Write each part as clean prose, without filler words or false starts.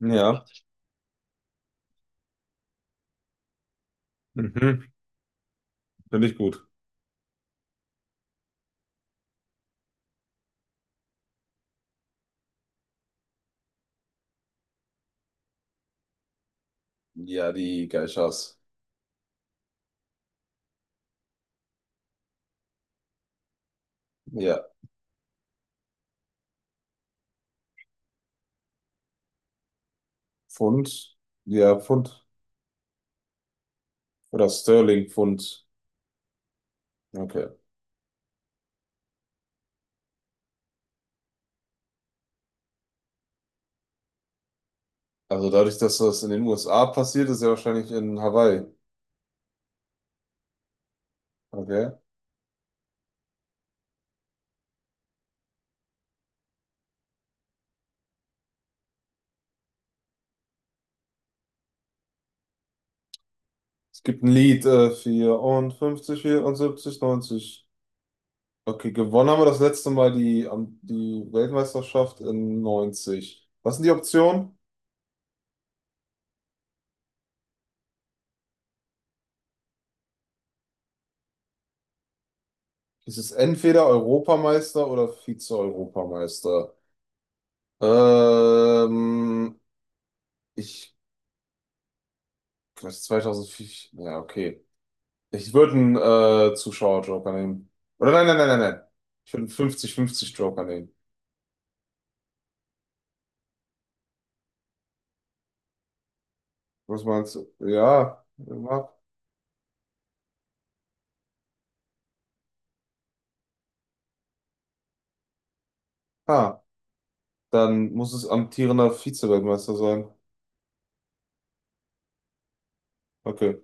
Ja, mhm. Finde ich gut. Ja, die Geishas. Ja, Pfund, ja, Pfund oder Sterling Pfund. Okay. Also dadurch, dass das in den USA passiert, ist ja wahrscheinlich in Hawaii. Okay. Es gibt ein Lied, 54, 74, 90. Okay, gewonnen haben wir das letzte Mal die Weltmeisterschaft in 90. Was sind die Optionen? Es ist entweder Europameister oder Vize-Europameister. Ähm, ich Vielleicht 2004. Ja, okay. Ich würde einen Zuschauer-Joker nehmen. Oder nein, nein, nein, nein, nein. Ich würde einen 50-50-Joker nehmen. Was meinst du? Ja, ja. Ah, dann muss es amtierender Vize-Weltmeister sein. Okay.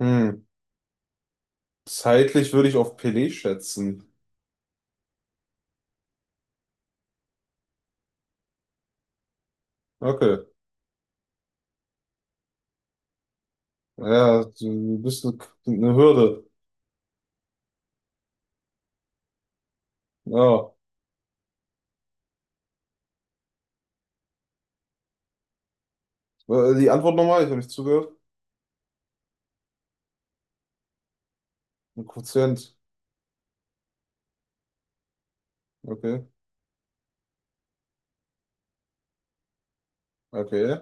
Hm. Zeitlich würde ich auf Pelé schätzen. Okay. Ja, du bist eine Hürde. Ja. Die Antwort nochmal, ich habe nicht zugehört. Ein Quotient. Okay. Okay.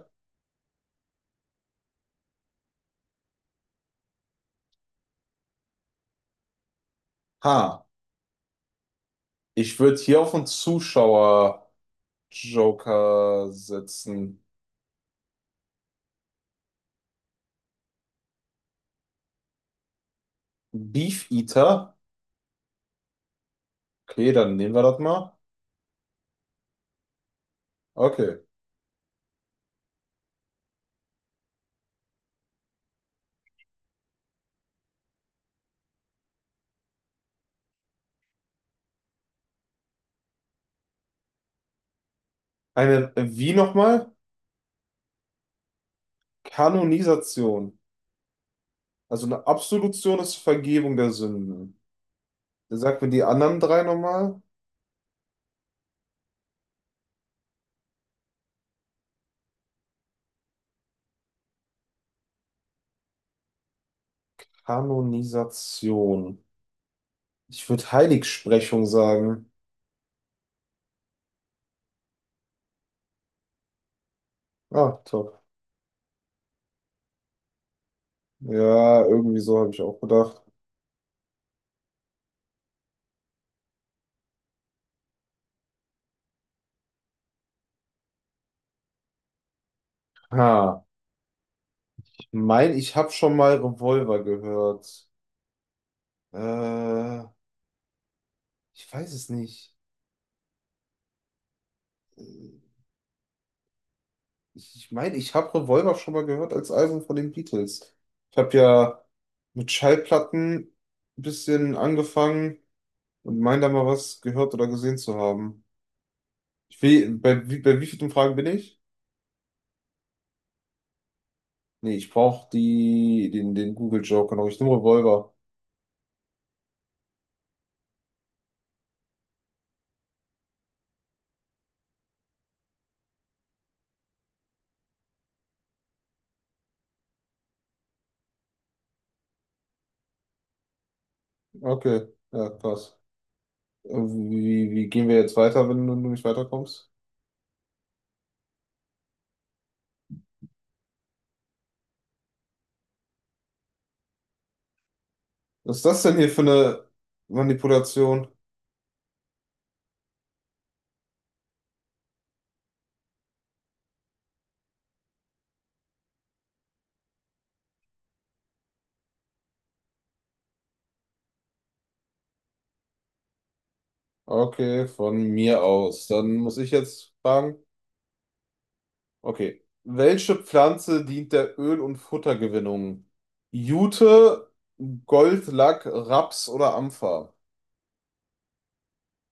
Ha. Ich würde hier auf einen Zuschauer Joker setzen. Beef Eater. Okay, dann nehmen wir das mal. Okay. Eine, wie nochmal? Kanonisation. Also eine Absolution ist Vergebung der Sünden. Sag mir die anderen drei nochmal. Kanonisation. Ich würde Heiligsprechung sagen. Ah, top. Ja, irgendwie so habe ich auch gedacht. Ha, ich mein, ich habe schon mal Revolver gehört. Äh, ich weiß es nicht. Äh, Ich meine, ich habe Revolver schon mal gehört als Album von den Beatles. Ich habe ja mit Schallplatten ein bisschen angefangen und meine da mal was gehört oder gesehen zu haben. Ich will, bei wie vielen Fragen bin ich? Nee, ich brauche die, den Google Joker noch. Ich nehme Revolver. Okay, ja, krass. Wie gehen wir jetzt weiter, wenn du nicht weiterkommst? Was ist das denn hier für eine Manipulation? Okay, von mir aus. Dann muss ich jetzt fragen. Okay. Welche Pflanze dient der Öl- und Futtergewinnung? Jute, Goldlack, Raps oder Ampfer?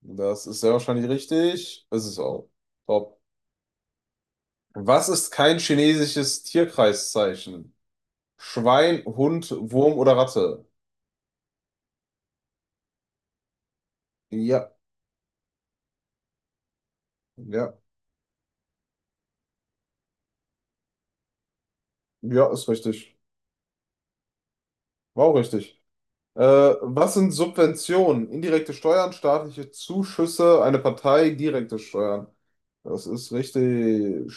Das ist sehr wahrscheinlich richtig. Es ist auch top. Was ist kein chinesisches Tierkreiszeichen? Schwein, Hund, Wurm oder Ratte? Ja, ja, ja, ist richtig. War auch richtig. Äh, was sind Subventionen? Indirekte Steuern, staatliche Zuschüsse, eine Partei, direkte Steuern. Das ist richtig.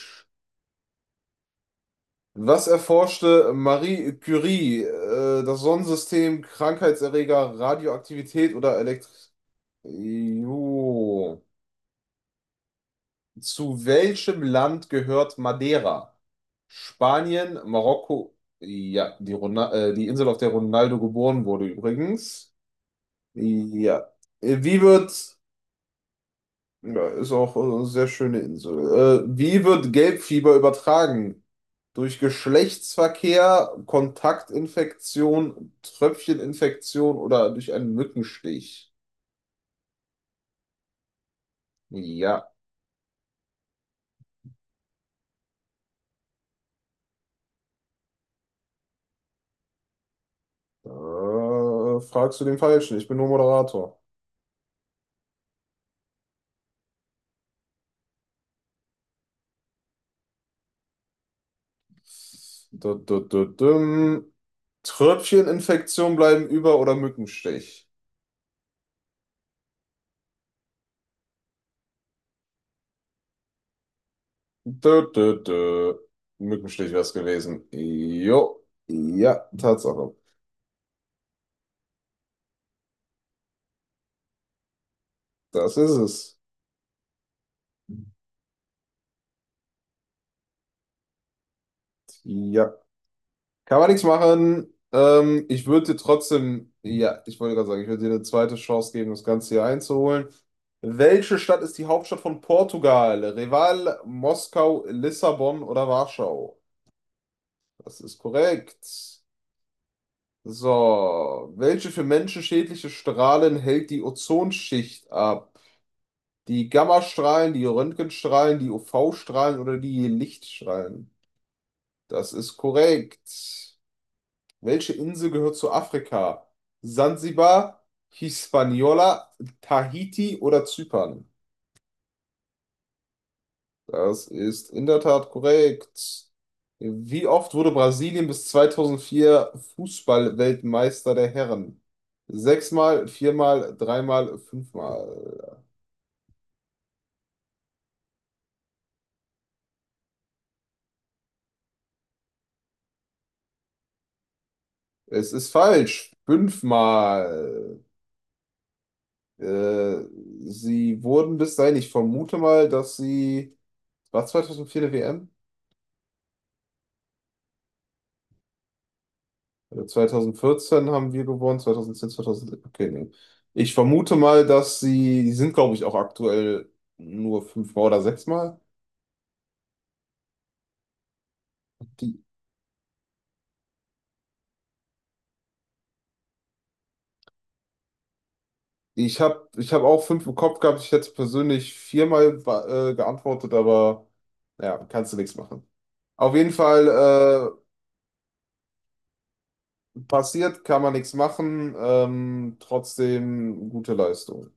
Was erforschte Marie Curie? Das Sonnensystem, Krankheitserreger, Radioaktivität oder Elektrizität? Jo. Zu welchem Land gehört Madeira? Spanien, Marokko, ja, die Insel, auf der Ronaldo geboren wurde übrigens. Ja. Wie wird Ja, ist auch eine sehr schöne Insel. Wie wird Gelbfieber übertragen? Durch Geschlechtsverkehr, Kontaktinfektion, Tröpfcheninfektion oder durch einen Mückenstich? Ja, fragst du den Falschen. Ich bin nur Moderator. Du, dum. Tröpfcheninfektion bleiben über oder Mückenstich? Dö, dö, dö. Mückenstich wäre es gewesen. Jo, ja, Tatsache. Das ist es. Ja. Kann man nichts machen. Ich würde dir trotzdem, ja, ich wollte gerade sagen, ich würde dir eine zweite Chance geben, das Ganze hier einzuholen. Welche Stadt ist die Hauptstadt von Portugal? Reval, Moskau, Lissabon oder Warschau? Das ist korrekt. So, welche für Menschen schädliche Strahlen hält die Ozonschicht ab? Die Gammastrahlen, die Röntgenstrahlen, die UV-Strahlen oder die Lichtstrahlen? Das ist korrekt. Welche Insel gehört zu Afrika? Sansibar, Hispaniola, Tahiti oder Zypern? Das ist in der Tat korrekt. Wie oft wurde Brasilien bis 2004 Fußballweltmeister der Herren? Sechsmal, viermal, dreimal, fünfmal. Es ist falsch. Fünfmal. Äh, sie wurden bis dahin, ich vermute mal, dass sie. War 2004 eine WM? Also 2014 haben wir gewonnen, 2010, 2011. Okay, nee. Ich vermute mal, dass sie, die sind, glaube ich, auch aktuell nur fünfmal oder sechsmal. Die, ich habe ich hab auch fünf im Kopf gehabt. Ich hätte persönlich viermal geantwortet, aber ja, kannst du nichts machen. Auf jeden Fall passiert, kann man nichts machen. Trotzdem gute Leistung.